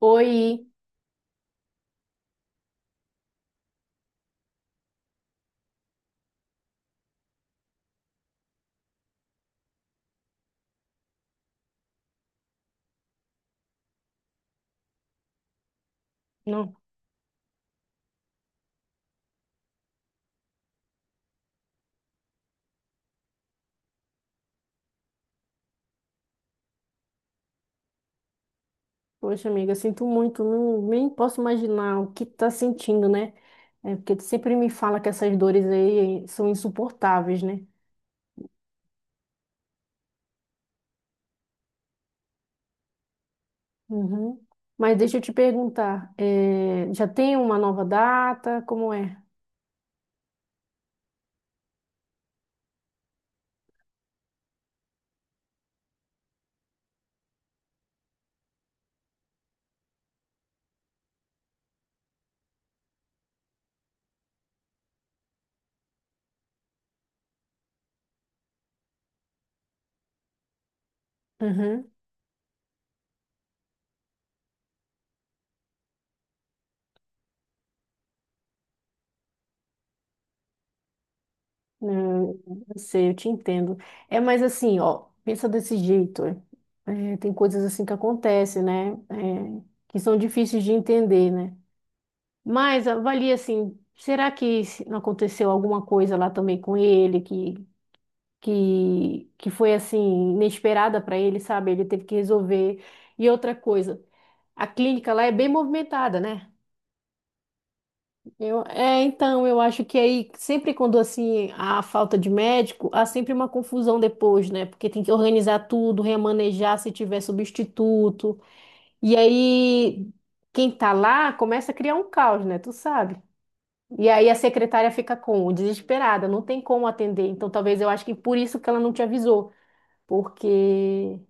Oi, não, poxa amiga, sinto muito, não, nem posso imaginar o que tá sentindo, né? É porque tu sempre me fala que essas dores aí são insuportáveis, né? Uhum. Mas deixa eu te perguntar, já tem uma nova data? Como é? Uhum. Não, eu sei, eu te entendo. É, mas assim, ó, pensa desse jeito. Tem coisas assim que acontecem, né? Que são difíceis de entender, né? Mas avalia assim, será que não aconteceu alguma coisa lá também com ele que foi assim inesperada para ele, sabe? Ele teve que resolver. E outra coisa, a clínica lá é bem movimentada, né? Então eu acho que aí sempre quando assim há falta de médico, há sempre uma confusão depois, né? Porque tem que organizar tudo, remanejar se tiver substituto. E aí quem tá lá começa a criar um caos, né? Tu sabe? E aí a secretária fica como? Desesperada, não tem como atender. Então talvez eu acho que por isso que ela não te avisou, porque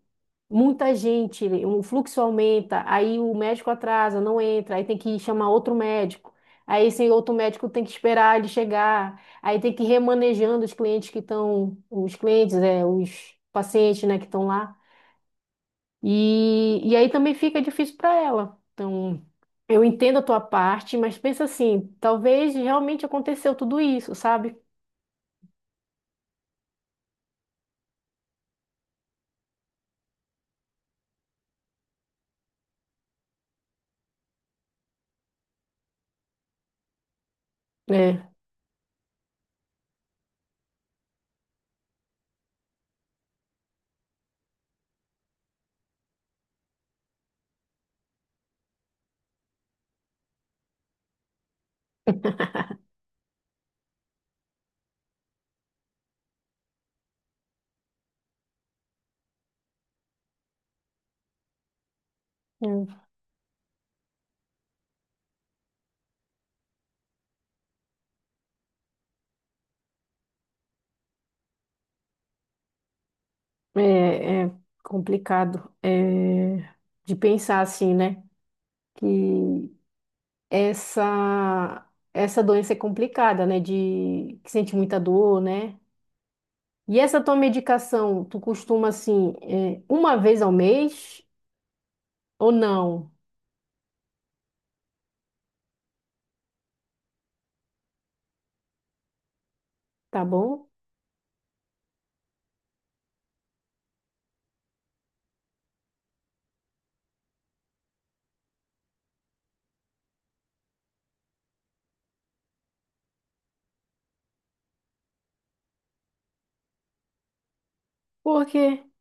muita gente, o fluxo aumenta, aí o médico atrasa, não entra, aí tem que chamar outro médico. Aí esse outro médico tem que esperar ele chegar, aí tem que ir remanejando os clientes que estão, os clientes, é, os pacientes, né, que estão lá. E aí também fica difícil para ela. Então, eu entendo a tua parte, mas pensa assim, talvez realmente aconteceu tudo isso, sabe? É, é complicado, de pensar assim, né? Que essa essa doença é complicada, né? De que sente muita dor, né? E essa tua medicação, tu costuma assim, uma vez ao mês ou não? Tá bom? Porque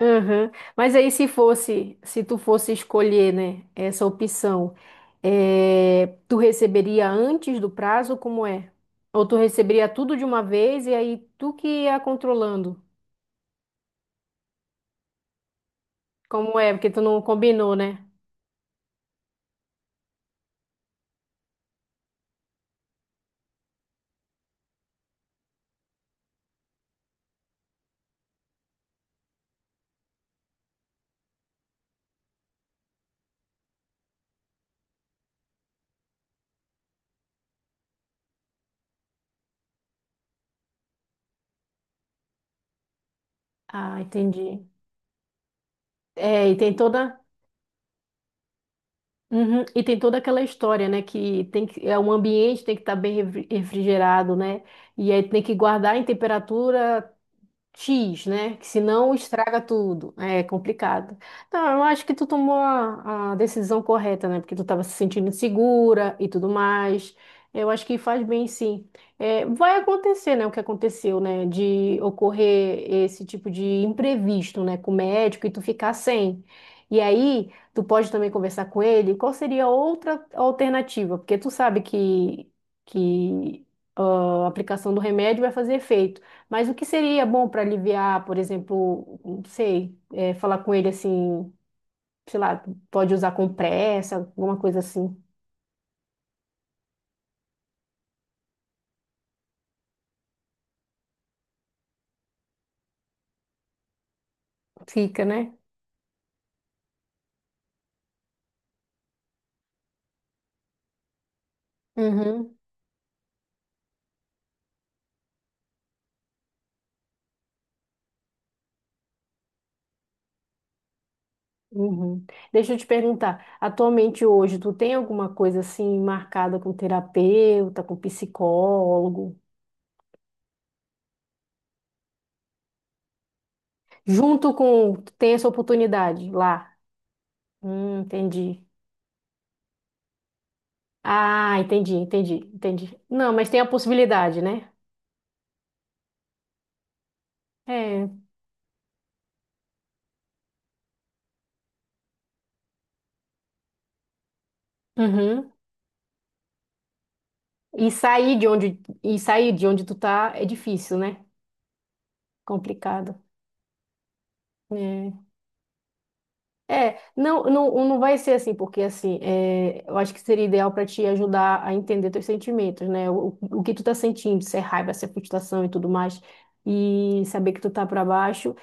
Aham. Mas aí se fosse, se tu fosse escolher, né, essa opção, tu receberia antes do prazo, como é? Ou tu receberia tudo de uma vez e aí tu que ia controlando? Como é? Porque tu não combinou, né? Ah, entendi. É, e tem toda, Uhum. E tem toda aquela história, né, que tem que é um ambiente tem que estar bem refrigerado, né? E aí tem que guardar em temperatura X, né? Que senão estraga tudo. É complicado. Não, eu acho que tu tomou a decisão correta, né? Porque tu estava se sentindo insegura e tudo mais. Eu acho que faz bem, sim. É, vai acontecer, né? O que aconteceu, né? De ocorrer esse tipo de imprevisto, né? Com o médico e tu ficar sem. E aí, tu pode também conversar com ele. Qual seria outra alternativa? Porque tu sabe que ah, a aplicação do remédio vai fazer efeito. Mas o que seria bom para aliviar, por exemplo, não sei, é, falar com ele assim, sei lá, pode usar compressa, alguma coisa assim. Fica, né? Uhum, uhum. Deixa eu te perguntar, atualmente hoje, tu tem alguma coisa assim marcada com terapeuta, com psicólogo? Junto com, tu tem essa oportunidade lá. Entendi. Ah, entendi. Não, mas tem a possibilidade, né? É. Uhum. E sair de onde, e sair de onde tu tá é difícil, né? Complicado. É. Não vai ser assim, porque assim, é, eu acho que seria ideal para te ajudar a entender teus sentimentos, né? O que tu tá sentindo, se é raiva, se é frustração e tudo mais, e saber que tu tá para baixo,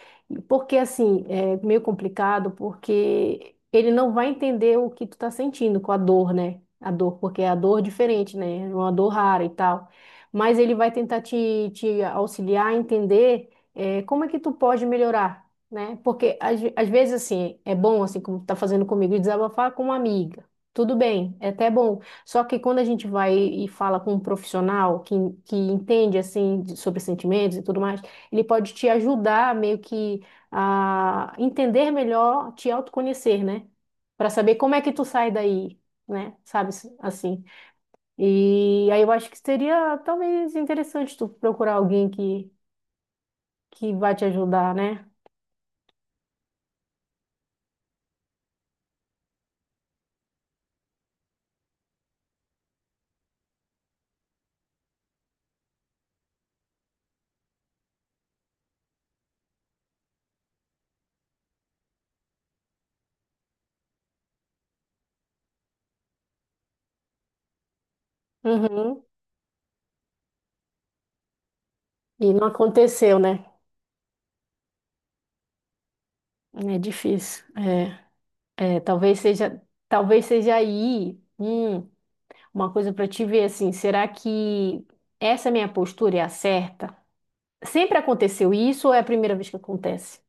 porque assim, é meio complicado, porque ele não vai entender o que tu tá sentindo com a dor, né? A dor, porque é a dor diferente, né? É uma dor rara e tal. Mas ele vai tentar te auxiliar a entender, é, como é que tu pode melhorar, né? Porque às vezes assim, é bom assim como tá fazendo comigo, desabafar com uma amiga. Tudo bem, é até bom. Só que quando a gente vai e fala com um profissional que entende assim sobre sentimentos e tudo mais, ele pode te ajudar meio que a entender melhor, te autoconhecer, né? Para saber como é que tu sai daí, né? Sabe assim. E aí eu acho que seria talvez interessante tu procurar alguém que vai te ajudar, né? Uhum. E não aconteceu, né? É difícil. É, talvez seja, talvez seja aí, uma coisa para te ver assim, será que essa minha postura é a certa? Sempre aconteceu isso ou é a primeira vez que acontece?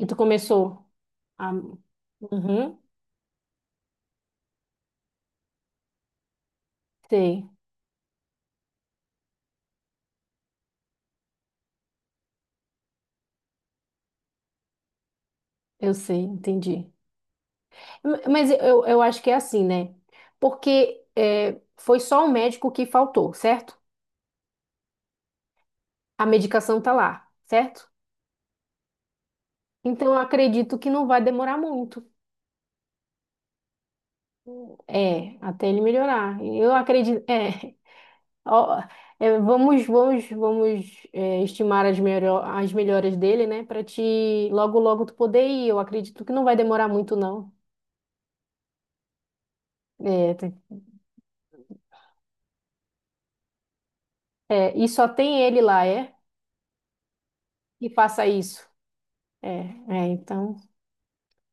E tu começou a... Uhum, sei, eu sei, entendi. Mas eu acho que é assim, né? Porque é, foi só o médico que faltou, certo? A medicação tá lá, certo? Então eu acredito que não vai demorar muito. É, até ele melhorar. Eu acredito. É, ó, é, vamos estimar as melhoras dele, né? Para te logo, logo tu poder ir. Eu acredito que não vai demorar muito, não. É, tem- é, e só tem ele lá, é? E faça isso. É, é, então.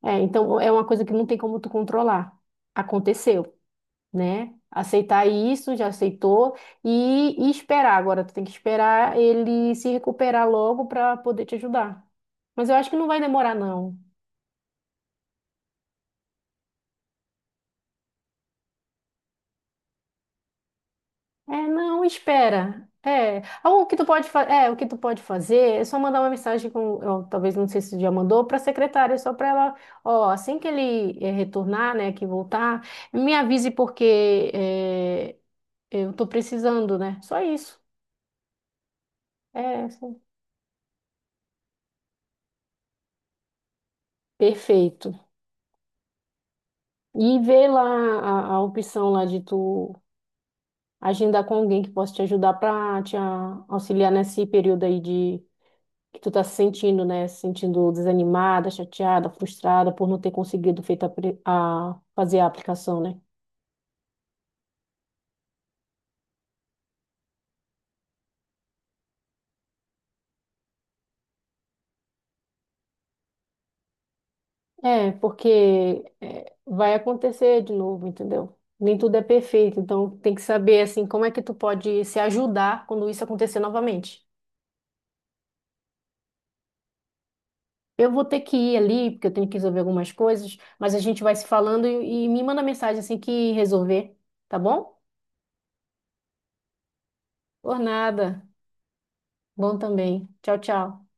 Então é uma coisa que não tem como tu controlar. Aconteceu. Né? Aceitar isso, já aceitou, e esperar. Agora, tu tem que esperar ele se recuperar logo para poder te ajudar. Mas eu acho que não vai demorar, não. É, não, espera. É, ah, o que tu pode o que tu pode fazer é só mandar uma mensagem com, ó, talvez não sei se tu já mandou, para a secretária, só para ela, ó, assim que ele retornar, né, que voltar, me avise porque eu tô precisando, né? Só isso. É, assim. Perfeito. E ver lá a opção lá de tu agendar com alguém que possa te ajudar para te auxiliar nesse período aí de que tu tá se sentindo, né? Se sentindo desanimada, chateada, frustrada por não ter conseguido feita a, pre- a- fazer a aplicação, né? É, porque é, vai acontecer de novo, entendeu? Nem tudo é perfeito, então tem que saber assim como é que tu pode se ajudar quando isso acontecer novamente. Eu vou ter que ir ali, porque eu tenho que resolver algumas coisas, mas a gente vai se falando e me manda mensagem assim que resolver, tá bom? Por nada. Bom também. Tchau, tchau.